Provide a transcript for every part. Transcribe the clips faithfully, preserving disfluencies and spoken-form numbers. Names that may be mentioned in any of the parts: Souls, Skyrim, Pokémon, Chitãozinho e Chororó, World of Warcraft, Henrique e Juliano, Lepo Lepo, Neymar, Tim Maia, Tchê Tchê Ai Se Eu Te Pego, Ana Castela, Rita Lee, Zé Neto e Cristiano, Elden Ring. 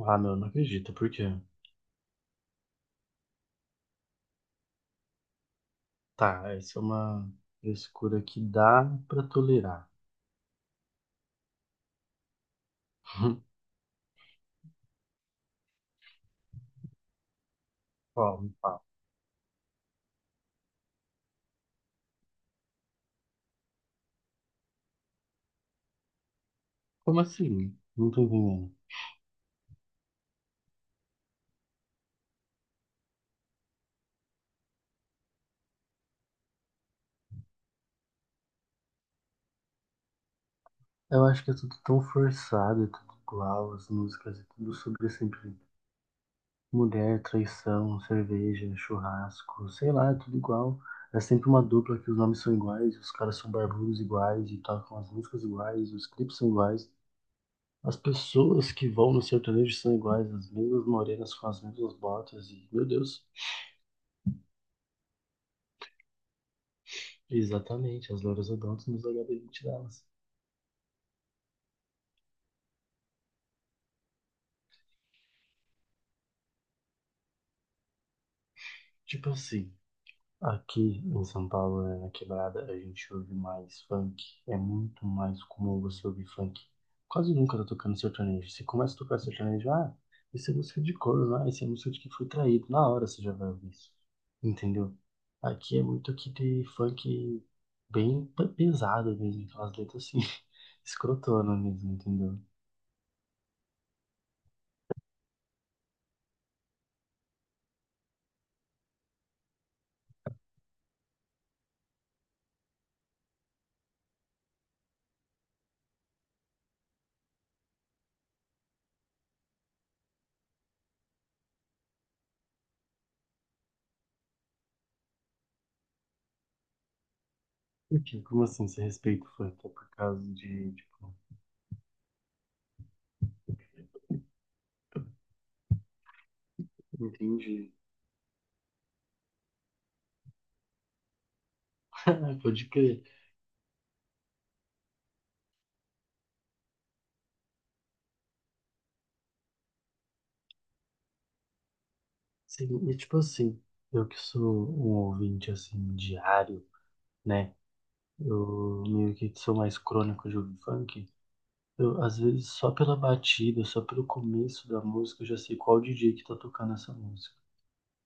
Ah, meu, não acredito. Por quê? Tá, essa é uma frescura que dá pra tolerar. Ó, me fala. Como assim? Não tô entendendo. Eu acho que é tudo tão forçado, é tudo igual, as músicas, é tudo sobre sempre mulher, traição, cerveja, churrasco, sei lá, é tudo igual. É sempre uma dupla que os nomes são iguais, os caras são barbudos iguais e tocam as músicas iguais, os clipes são iguais. As pessoas que vão no sertanejo são iguais, as mesmas morenas com as mesmas botas e, meu Deus. Exatamente, as louras odontos nos hb gente delas. Tipo assim, aqui em São Paulo, né, na quebrada, a gente ouve mais funk. É muito mais comum você ouvir funk. Quase nunca tá tocando sertanejo. Você começa a tocar sertanejo, ah, isso é música de corno, ah, isso é música de que foi traído. Na hora você já vai ouvir isso. Entendeu? Aqui é muito aqui de funk bem pe- pesado mesmo, aquelas letras assim, escrotona mesmo, entendeu? Porque, como assim, você respeita o funk? É por causa de, tipo, entendi. Pode crer. Sim, e tipo assim, eu que sou um ouvinte assim diário, né? Eu meio que sou mais crônico de ouvir funk. Eu, às vezes, só pela batida, só pelo começo da música, eu já sei qual D J que tá tocando essa música.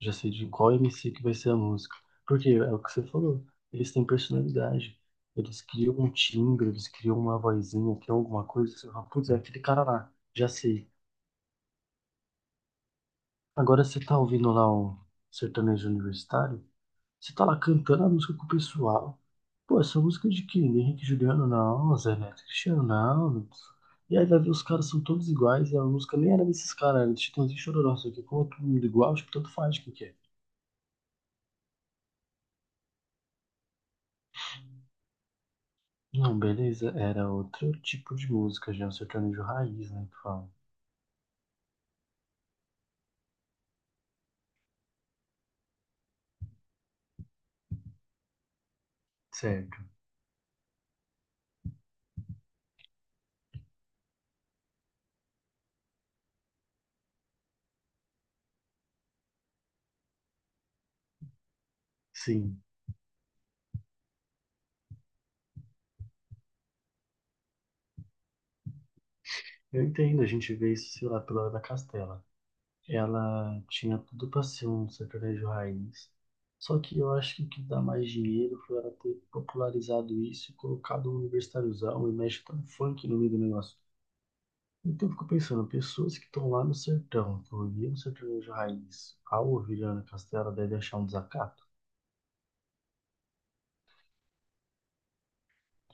Já sei de qual M C que vai ser a música. Porque é o que você falou, eles têm personalidade. Eles criam um timbre, eles criam uma vozinha, criam alguma coisa. Você fala, putz, é aquele cara lá. Já sei, agora você tá ouvindo lá o sertanejo universitário? Você tá lá cantando a música com o pessoal. Pô, essa música é de quem? De Henrique e Juliano? Não, Zé Neto e Cristiano? Não. Não. E aí vai ver os caras são todos iguais e a música nem era desses caras, era de Chitãozinho e Chororó, só que como é todo mundo é igual, tipo, tanto faz o que que é. Não, beleza, era outro tipo de música, já um sertanejo raiz, né, que fala. Certo, sim. Eu entendo, a gente vê isso, sei lá, pela Ana Castela. Ela tinha tudo para ser um sertanejo raiz. Só que eu acho que o que dá mais dinheiro foi ela ter popularizado isso e colocado um universitáriozão e mexido um funk no meio do negócio. Então eu fico pensando, pessoas que estão lá no sertão, que ouviram o sertanejo raiz, ao ouvir Ana Castela, devem achar um desacato.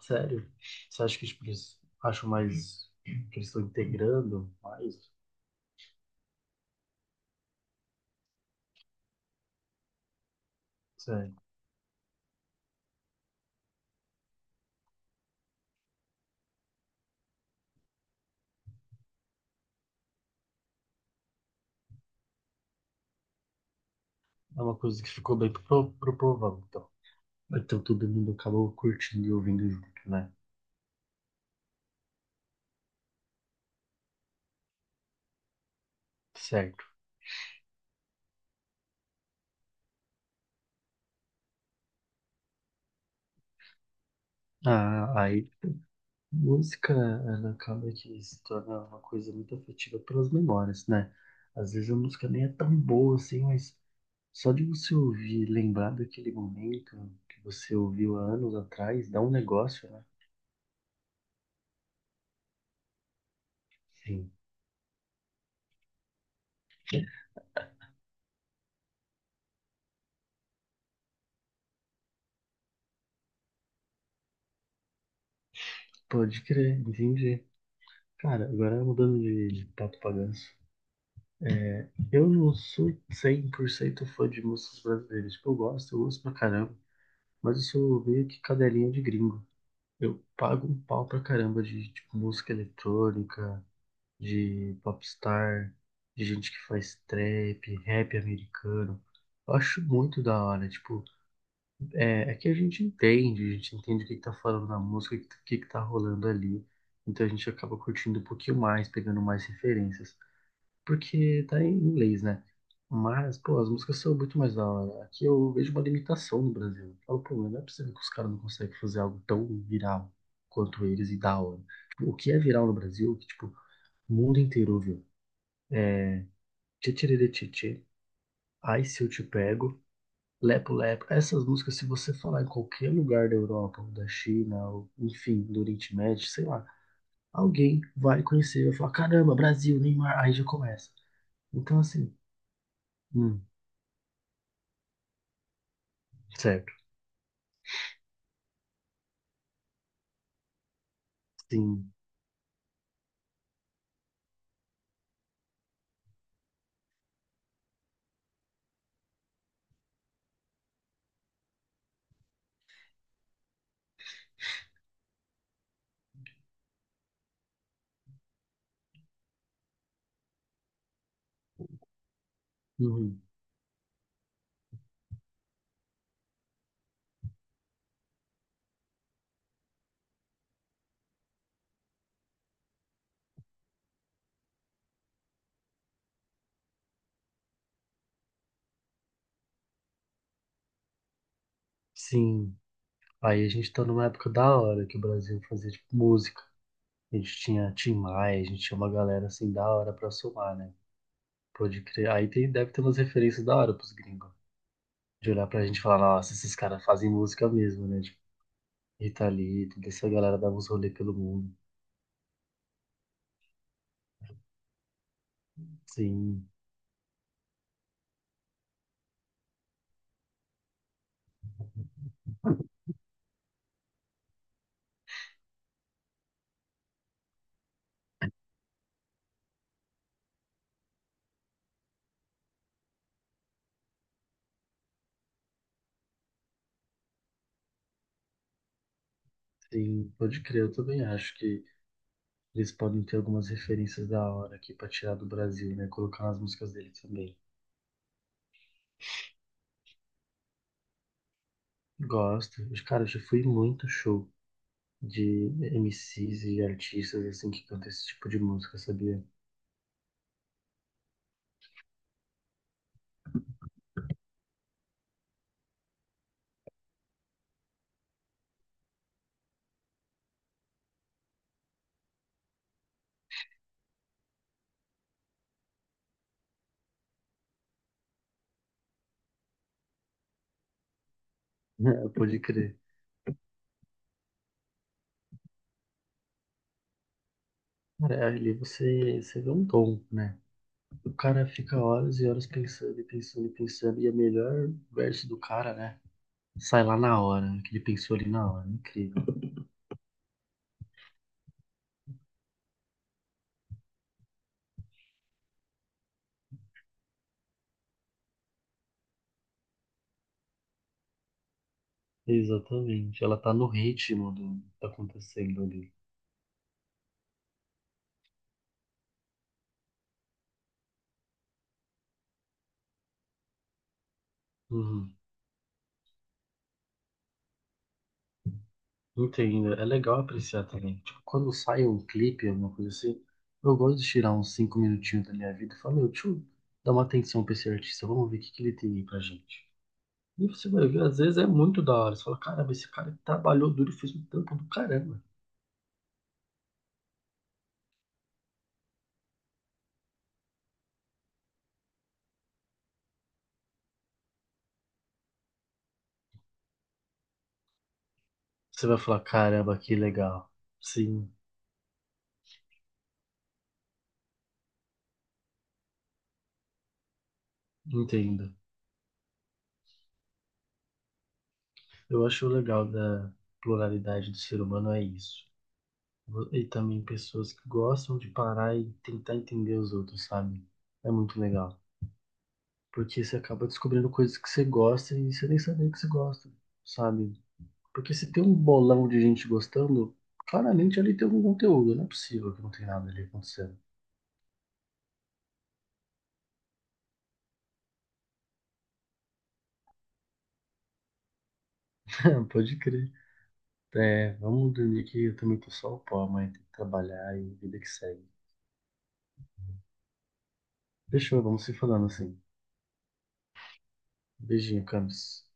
Sério? Você acha que tipo, eles acham mais que eles estão integrando mais? Sério. É uma coisa que ficou bem pro, pro povão, então. Então todo mundo acabou curtindo e ouvindo junto, né? Certo. Ah, aí, música, ela acaba de se tornar uma coisa muito afetiva pelas memórias, né? Às vezes a música nem é tão boa assim, mas só de você ouvir, lembrar daquele momento que você ouviu há anos atrás, dá um negócio, né? Sim. Pode crer, entendi. Cara, agora mudando de, de pato pra ganso. Eu não sou cem por cento fã de músicas brasileiras. Tipo, eu gosto, eu gosto pra caramba, mas eu sou meio que cadelinha de gringo. Eu pago um pau pra caramba de tipo, música eletrônica, de popstar, de gente que faz trap, rap americano. Eu acho muito da hora, tipo, é, é que a gente entende, a gente entende o que que tá falando na música, o que que tá rolando ali. Então a gente acaba curtindo um pouquinho mais, pegando mais referências porque tá em inglês, né? Mas, pô, as músicas são muito mais da hora. Aqui eu vejo uma limitação no Brasil. Eu falo, pô, mas não é possível que os caras não conseguem fazer algo tão viral quanto eles e da hora. O que é viral no Brasil, que, tipo, o mundo inteiro ouviu. É Tchê Tchê Ai Se Eu Te Pego, Lepo Lepo. Essas músicas, se você falar em qualquer lugar da Europa, ou da China, ou, enfim, do Oriente Médio, sei lá, alguém vai conhecer, vai falar, caramba, Brasil, Neymar, aí já começa. Então, assim, hum, certo. Sim, uhum. Sim. Aí a gente tá numa época da hora que o Brasil fazia tipo, música. A gente tinha Tim Maia, a gente tinha uma galera assim da hora pra somar, né? Pode crer. Aí tem, deve ter umas referências da hora pros gringos. De olhar pra gente e falar, nossa, esses caras fazem música mesmo, né? Tipo, Rita Lee, toda essa galera dava uns rolê pelo mundo. Sim, sim, pode crer. Eu também acho que eles podem ter algumas referências da hora aqui pra tirar do Brasil, né? Colocar nas músicas deles também. Gosto. Cara, eu já fui em muito show. De M Cs e artistas assim que cantam esse tipo de música, sabia? Pode crer. Cara, ali você, você vê um tom, né? O cara fica horas e horas pensando e pensando e pensando, e a melhor verso do cara, né? Sai lá na hora, que ele pensou ali na hora, é incrível. Exatamente, ela tá no ritmo do que tá acontecendo ali. Uhum. Entendo. É legal apreciar também. Tipo, quando sai um clipe, alguma coisa assim, eu gosto de tirar uns cinco minutinhos da minha vida e falar, meu, deixa eu dar uma atenção pra esse artista, vamos ver o que que ele tem aí pra gente. E você vai ver, às vezes é muito da hora. Você fala, caramba, esse cara trabalhou duro e fez um trampo do caramba. Você vai falar, caramba, que legal. Sim, entendo. Eu acho o legal da pluralidade do ser humano é isso. E também pessoas que gostam de parar e tentar entender os outros, sabe? É muito legal. Porque você acaba descobrindo coisas que você gosta e você nem sabia que você gosta, sabe? Porque se tem um bolão de gente gostando, claramente ali tem algum conteúdo. Não é possível que não tem nada ali acontecendo. Pode crer. É, vamos dormir que eu também tô só o pó, mas tem que trabalhar e vida que segue. Fechou, vamos se falando assim. Beijinho, Camis.